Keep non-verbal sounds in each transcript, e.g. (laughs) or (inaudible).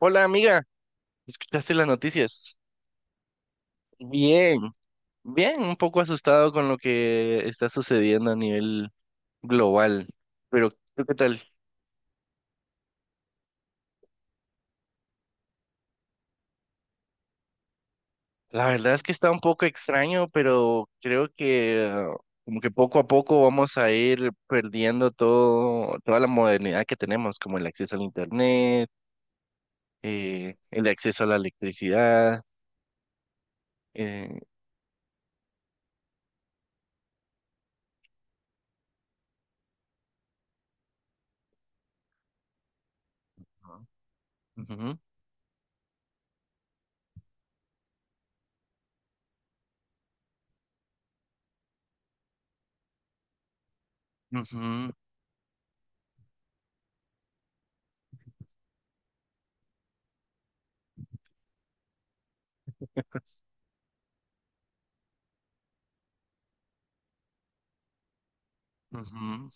Hola amiga, ¿escuchaste las noticias? Bien, bien, un poco asustado con lo que está sucediendo a nivel global, pero ¿tú qué tal? La verdad es que está un poco extraño, pero creo que como que poco a poco vamos a ir perdiendo todo, toda la modernidad que tenemos, como el acceso al internet, el acceso a la electricidad. eh, ujú, ujú, ujú.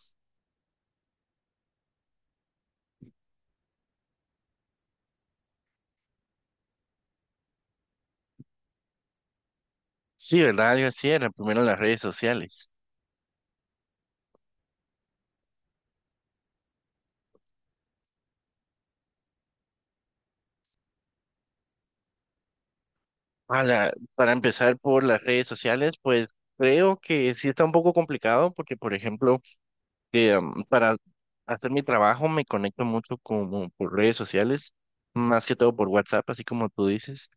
Sí, ¿verdad? Yo así era, primero las redes sociales. Ala, para empezar por las redes sociales, pues creo que sí está un poco complicado porque, por ejemplo, para hacer mi trabajo me conecto mucho como por redes sociales, más que todo por WhatsApp, así como tú dices.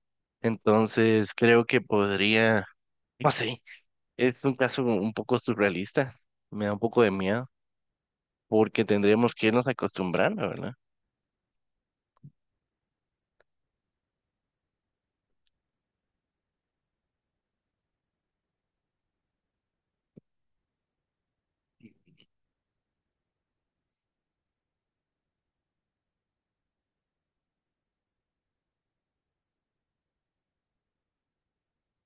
Entonces creo que podría, no sé, es un caso un poco surrealista, me da un poco de miedo porque tendríamos que irnos acostumbrando, ¿verdad?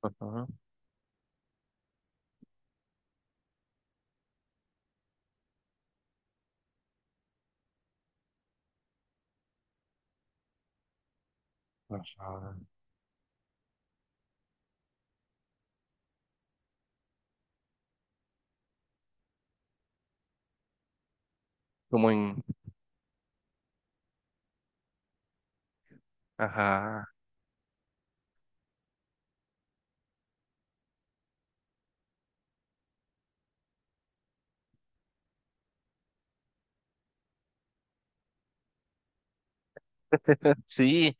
Ajá, ajá. Como en, ajá, sí.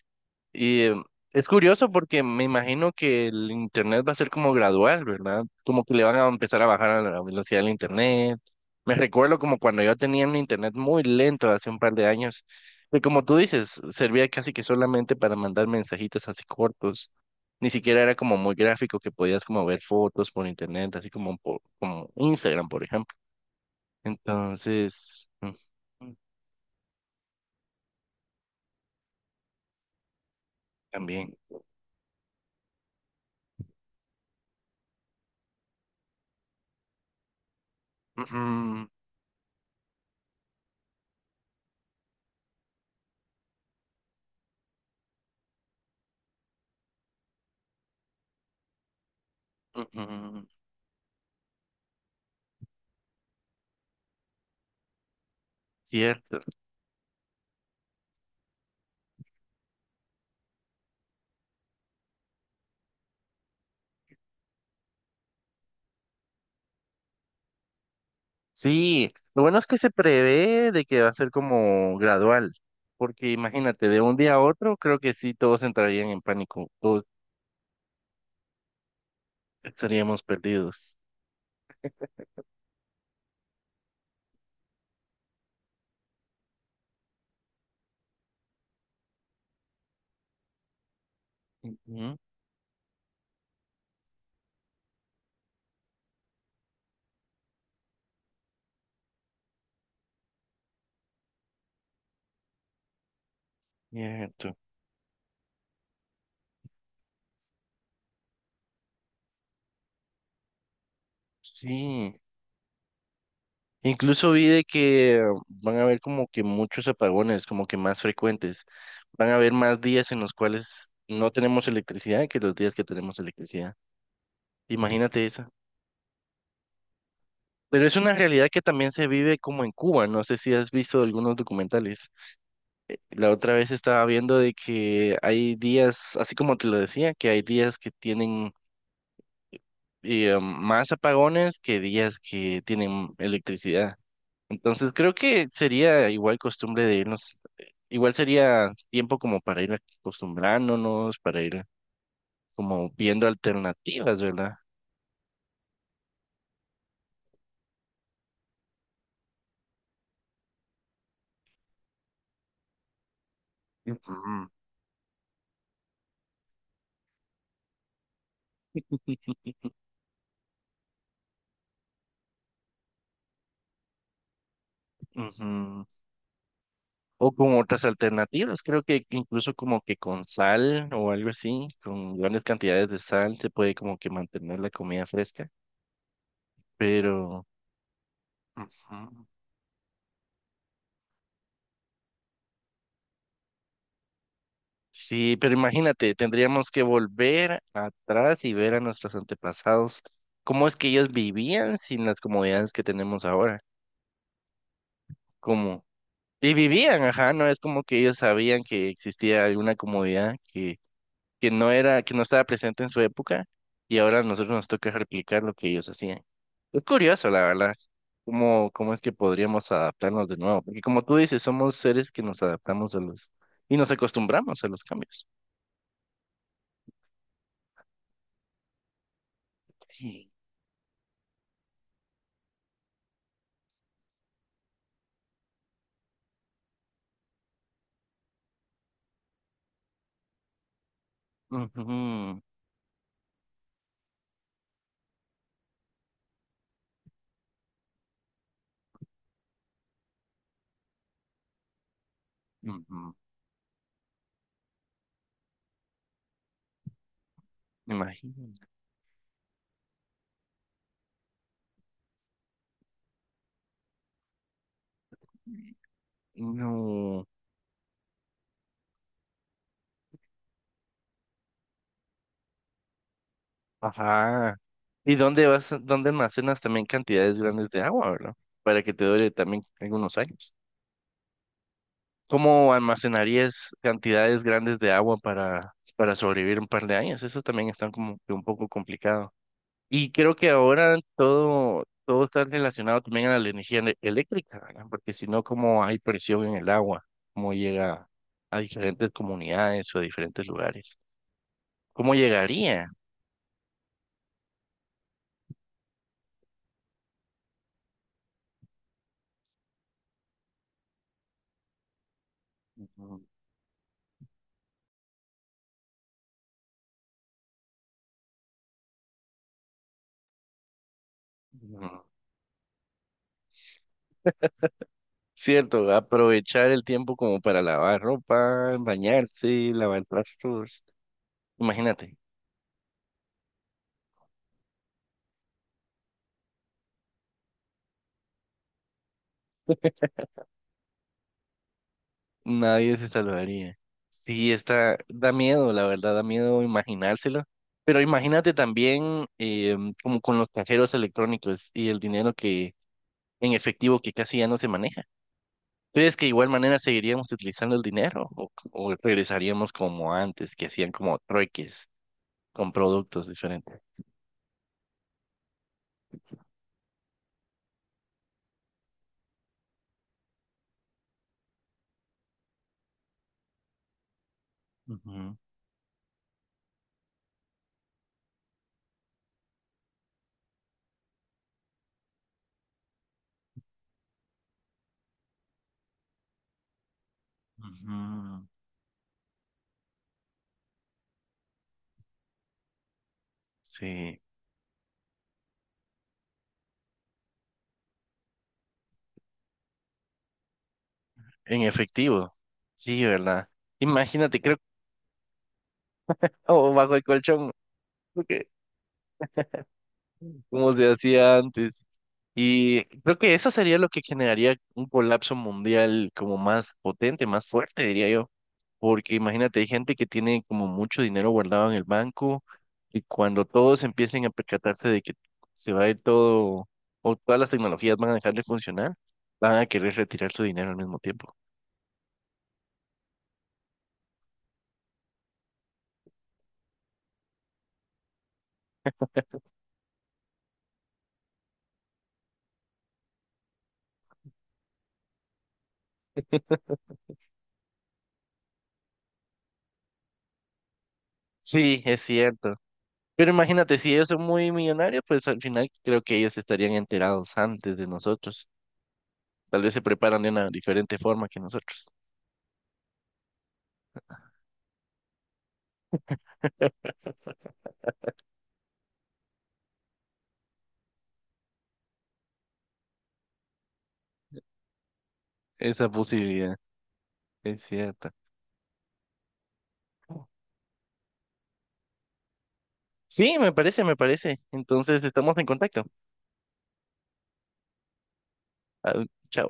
Y es curioso porque me imagino que el internet va a ser como gradual, ¿verdad? Como que le van a empezar a bajar a la velocidad del internet. Me recuerdo como cuando yo tenía un internet muy lento hace un par de años, que como tú dices, servía casi que solamente para mandar mensajitos así cortos. Ni siquiera era como muy gráfico que podías como ver fotos por internet, así como por, como Instagram, por ejemplo. Entonces, mm, también. Ujú, ujú, cierto. Sí, lo bueno es que se prevé de que va a ser como gradual, porque imagínate, de un día a otro, creo que sí, todos entrarían en pánico, todos estaríamos perdidos. Ujú, cierto. Sí, incluso vi de que van a haber como que muchos apagones, como que más frecuentes. Van a haber más días en los cuales no tenemos electricidad que los días que tenemos electricidad. Imagínate eso. Pero es una realidad que también se vive como en Cuba, no sé si has visto algunos documentales. La otra vez estaba viendo de que hay días, así como te lo decía, que hay días que tienen más apagones que días que tienen electricidad. Entonces creo que sería igual costumbre de irnos, igual sería tiempo como para ir acostumbrándonos, para ir como viendo alternativas, ¿verdad? Ujú, ujú. O con otras alternativas, creo que incluso como que con sal o algo así, con grandes cantidades de sal se puede como que mantener la comida fresca. Pero ujú. Sí, pero imagínate, tendríamos que volver atrás y ver a nuestros antepasados cómo es que ellos vivían sin las comodidades que tenemos ahora. Como, y vivían, ajá, no es como que ellos sabían que existía alguna comodidad que no era, que no estaba presente en su época y ahora a nosotros nos toca replicar lo que ellos hacían. Es curioso, la verdad, cómo, cómo es que podríamos adaptarnos de nuevo, porque como tú dices, somos seres que nos adaptamos a los y nos acostumbramos a los cambios. Sí. Ujú, ujú, me imagino. No, ajá. ¿Y dónde vas, dónde almacenas también cantidades grandes de agua, verdad? Para que te dure también algunos años. ¿Cómo almacenarías cantidades grandes de agua para sobrevivir un par de años? Eso también está como que un poco complicado. Y creo que ahora todo, todo está relacionado también a la energía ele- eléctrica, ¿verdad? Porque si no, ¿cómo hay presión en el agua? ¿Cómo llega a diferentes comunidades o a diferentes lugares? ¿Cómo llegaría? Ujú, ujú. Cierto, aprovechar el tiempo como para lavar ropa, bañarse, lavar trastos. Imagínate. Nadie se salvaría. Sí, está, da miedo, la verdad, da miedo imaginárselo. Pero imagínate también como con los cajeros electrónicos y el dinero que en efectivo que casi ya no se maneja. ¿Crees que de igual manera seguiríamos utilizando el dinero o regresaríamos como antes, que hacían como trueques con productos diferentes? Ujú, ujú. Sí, en efectivo. Sí, ¿verdad? Imagínate, creo, o bajo el colchón. Ok, como se hacía antes. Y creo que eso sería lo que generaría un colapso mundial como más potente, más fuerte, diría yo. Porque imagínate, hay gente que tiene como mucho dinero guardado en el banco y cuando todos empiecen a percatarse de que se va a ir todo o todas las tecnologías van a dejar de funcionar, van a querer retirar su dinero al mismo tiempo. (laughs) Sí, es cierto. Pero imagínate, si ellos son muy millonarios, pues al final creo que ellos estarían enterados antes de nosotros. Tal vez se preparan de una diferente forma que nosotros. Esa posibilidad es cierta. Sí, me parece, me parece. Entonces estamos en contacto. Ah, chao.